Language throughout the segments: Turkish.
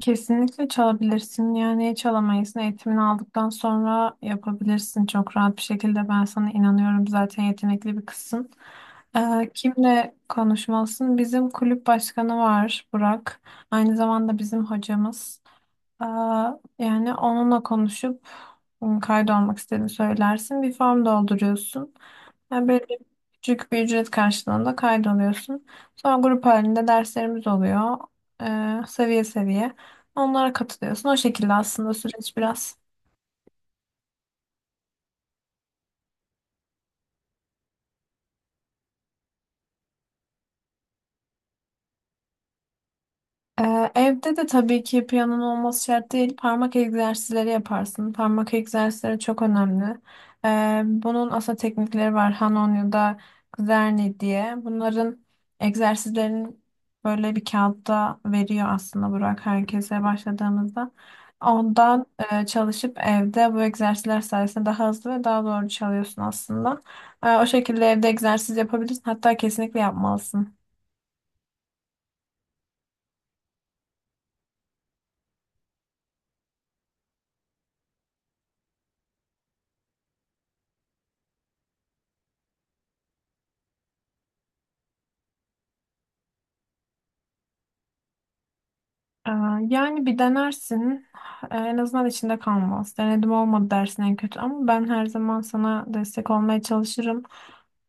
Kesinlikle çalabilirsin. Yani çalamayız. Eğitimini aldıktan sonra yapabilirsin çok rahat bir şekilde. Ben sana inanıyorum. Zaten yetenekli bir kızsın. Kimle konuşmalısın? Bizim kulüp başkanı var Burak. Aynı zamanda bizim hocamız. Ee, Yani onunla konuşup kaydolmak istediğini söylersin. Bir form dolduruyorsun. Yani böyle küçük bir ücret karşılığında kaydoluyorsun. Sonra grup halinde derslerimiz oluyor. Seviye seviye. Onlara katılıyorsun. O şekilde aslında süreç biraz. Evde de tabii ki piyanonun olması şart değil. Parmak egzersizleri yaparsın. Parmak egzersizleri çok önemli. Bunun aslında teknikleri var. Hanon ya da Kuzerni diye. Bunların egzersizlerini böyle bir kağıtta veriyor aslında Burak herkese başladığımızda. Ondan çalışıp evde bu egzersizler sayesinde daha hızlı ve daha doğru çalıyorsun aslında. O şekilde evde egzersiz yapabilirsin. Hatta kesinlikle yapmalısın. Ee, Yani bir denersin. En azından içinde kalmaz. Denedim olmadı dersin en kötü ama ben her zaman sana destek olmaya çalışırım.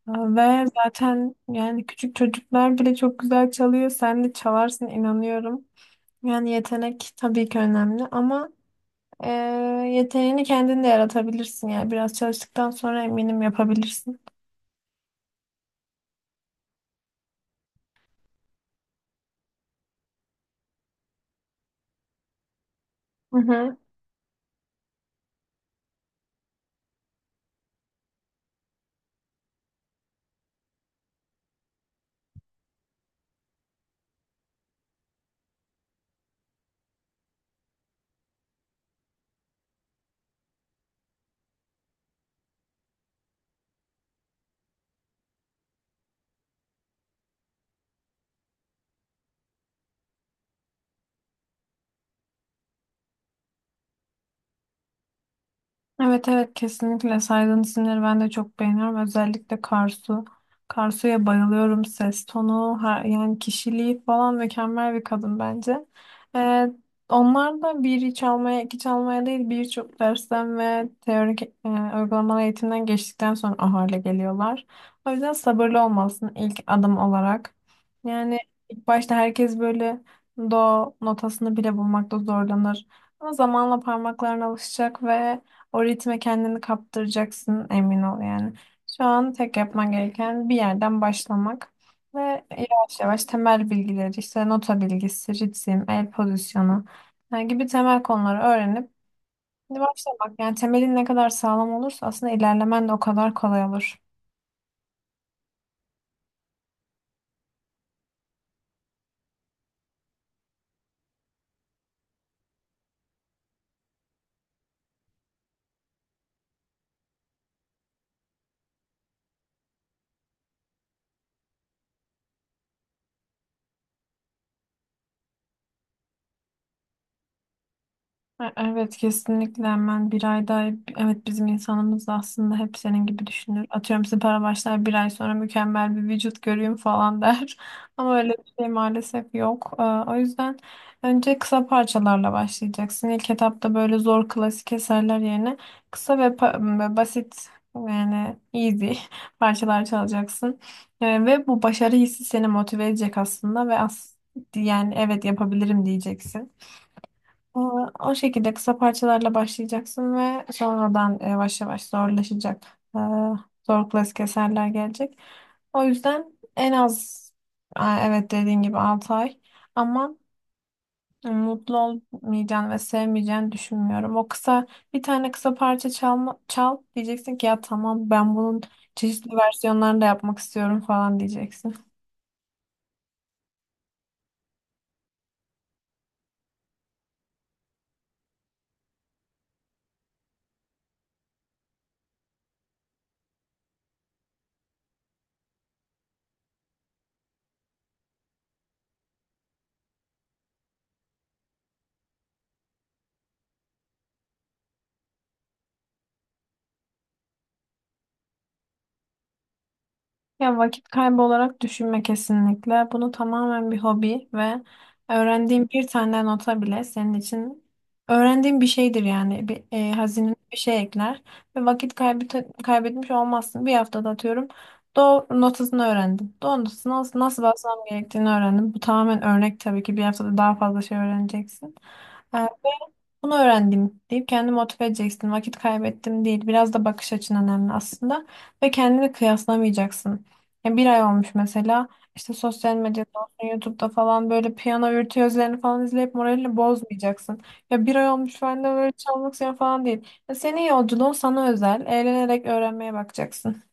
Ve zaten yani küçük çocuklar bile çok güzel çalıyor. Sen de çalarsın inanıyorum. Yani yetenek tabii ki önemli ama e, yeteneğini kendin de yaratabilirsin. Yani biraz çalıştıktan sonra eminim yapabilirsin. Evet, evet, kesinlikle saydığın isimleri ben de çok beğeniyorum. Özellikle Karsu. Karsu'ya bayılıyorum. Ses tonu, yani kişiliği falan mükemmel bir kadın bence. Ee, Onlar da bir çalmaya, iki çalmaya değil birçok dersten ve teorik uygulamalı eğitimden geçtikten sonra o hale geliyorlar. O yüzden sabırlı olmalısın ilk adım olarak. Yani ilk başta herkes böyle do notasını bile bulmakta zorlanır. Ama zamanla parmaklarına alışacak ve o ritme kendini kaptıracaksın emin ol yani. Şu an tek yapman gereken bir yerden başlamak ve yavaş yavaş temel bilgileri, işte nota bilgisi, ritim, el pozisyonu yani gibi temel konuları öğrenip başlamak. Yani temelin ne kadar sağlam olursa aslında ilerlemen de o kadar kolay olur. Evet, kesinlikle, hemen bir ay daha evet, bizim insanımız da aslında hep senin gibi düşünür. Atıyorum, spora başlar, bir ay sonra mükemmel bir vücut göreyim falan der. Ama öyle bir şey maalesef yok. O yüzden önce kısa parçalarla başlayacaksın. İlk etapta böyle zor klasik eserler yerine kısa ve basit, yani easy parçalar çalacaksın. Ve bu başarı hissi seni motive edecek aslında ve yani evet, yapabilirim diyeceksin. Ee, O şekilde kısa parçalarla başlayacaksın ve sonradan yavaş yavaş zorlaşacak. Ee, Zor klasik eserler gelecek. O yüzden en az, evet, dediğin gibi 6 ay, ama mutlu olmayacağını ve sevmeyeceğini düşünmüyorum. O kısa, bir tane kısa parça çal diyeceksin ki ya tamam, ben bunun çeşitli versiyonlarını da yapmak istiyorum falan diyeceksin. Ya vakit kaybı olarak düşünme kesinlikle. Bunu tamamen bir hobi ve öğrendiğin bir tane nota bile senin için öğrendiğin bir şeydir yani. Hazine bir şey ekler ve vakit kaybetmiş olmazsın. Bir haftada atıyorum do notasını öğrendim. Do notasını nasıl basmam gerektiğini öğrendim. Bu tamamen örnek, tabii ki bir haftada daha fazla şey öğreneceksin. Bunu öğrendim deyip kendini motive edeceksin. Vakit kaybettim değil. Biraz da bakış açın önemli aslında. Ve kendini kıyaslamayacaksın. Ya bir ay olmuş mesela, işte sosyal medyada olsun, YouTube'da falan böyle piyano virtüözlerini falan izleyip moralini bozmayacaksın. Ya bir ay olmuş ben de böyle çalmak istiyorum falan değil. Ya senin yolculuğun sana özel. Eğlenerek öğrenmeye bakacaksın.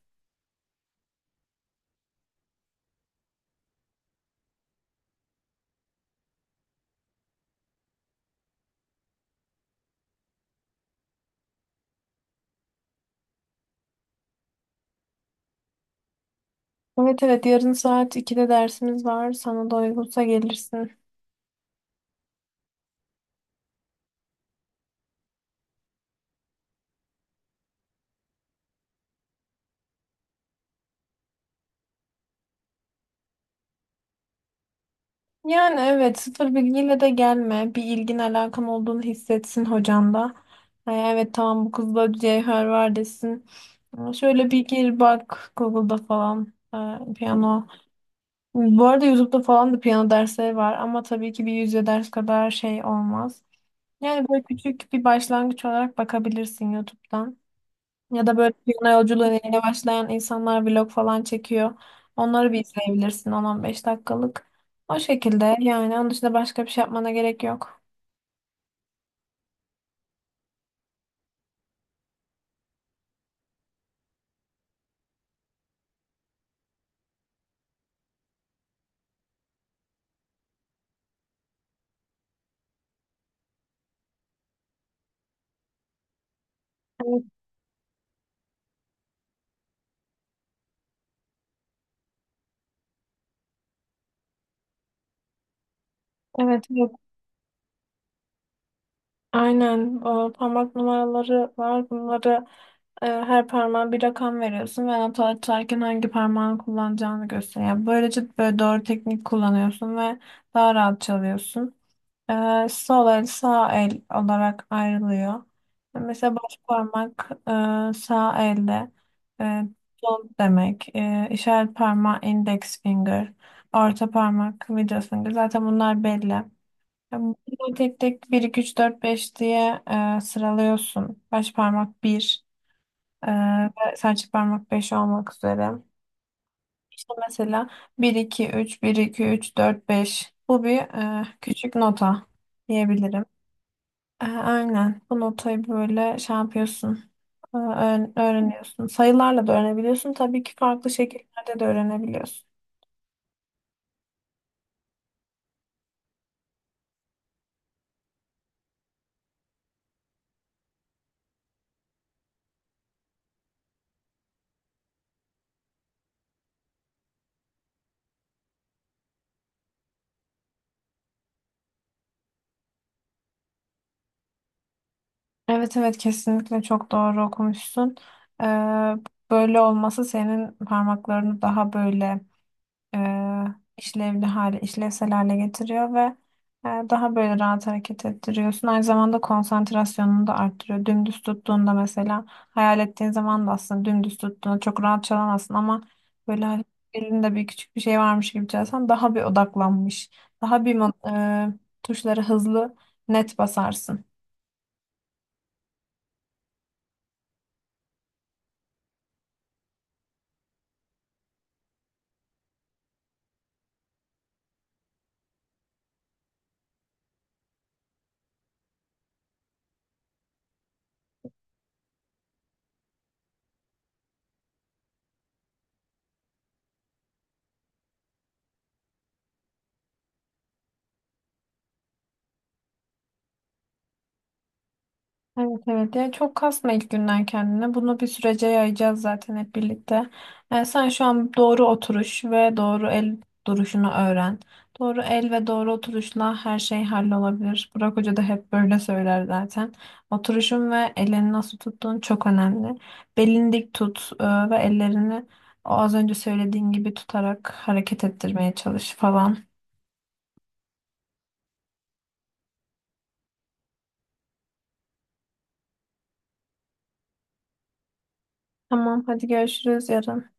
Evet, evet, yarın saat 2'de dersimiz var. Sana da uygunsa gelirsin. Yani evet, sıfır bilgiyle de gelme. Bir ilgin alakan olduğunu hissetsin hocan da. Ha, evet, tamam, bu kızda cevher var desin. Ama şöyle bir gir bak Google'da falan, ha, piyano. Bu arada YouTube'da falan da piyano dersleri var ama tabii ki bir yüzde ders kadar şey olmaz. Yani böyle küçük bir başlangıç olarak bakabilirsin YouTube'dan. Ya da böyle piyano yolculuğuna yeni başlayan insanlar vlog falan çekiyor. Onları bir izleyebilirsin, 10 beş dakikalık. O şekilde yani onun dışında başka bir şey yapmana gerek yok. Evet, evet, evet. Aynen. O parmak numaraları var. Bunları her parmağa bir rakam veriyorsun ve nota atarken hangi parmağını kullanacağını gösteriyor. Yani böylece böyle doğru teknik kullanıyorsun ve daha rahat çalıyorsun. Sol el, sağ el olarak ayrılıyor. Mesela baş parmak sağ elde e, don't demek. İşaret parmağı, index finger. Orta parmak, middle finger. Zaten bunlar belli. Yani bunları tek tek bir 2 3 4 5 diye sıralıyorsun. Baş parmak bir, e, ve serçe parmak 5 olmak üzere. İşte mesela bir iki üç, bir iki üç dört beş. Bu bir küçük nota diyebilirim. Aynen. Bu notayı böyle şey yapıyorsun. Öğreniyorsun. Sayılarla da öğrenebiliyorsun. Tabii ki farklı şekillerde de öğrenebiliyorsun. Evet, evet, kesinlikle çok doğru okumuşsun. E, Böyle olması senin parmaklarını daha böyle e, işlevsel hale getiriyor ve daha böyle rahat hareket ettiriyorsun. Aynı zamanda konsantrasyonunu da arttırıyor. Dümdüz tuttuğunda mesela, hayal ettiğin zaman da aslında dümdüz tuttuğunda çok rahat çalamazsın ama böyle hani elinde bir küçük bir şey varmış gibi çalsan daha bir odaklanmış, daha bir mo- e, tuşları hızlı, net basarsın. Evet, evet, ya çok kasma ilk günden kendine. Bunu bir sürece yayacağız zaten hep birlikte. Yani sen şu an doğru oturuş ve doğru el duruşunu öğren. Doğru el ve doğru oturuşla her şey hallolabilir. Burak Hoca da hep böyle söyler zaten. Oturuşun ve elini nasıl tuttuğun çok önemli. Belini dik tut ve ellerini o az önce söylediğin gibi tutarak hareket ettirmeye çalış falan. Tamam, hadi görüşürüz yarın.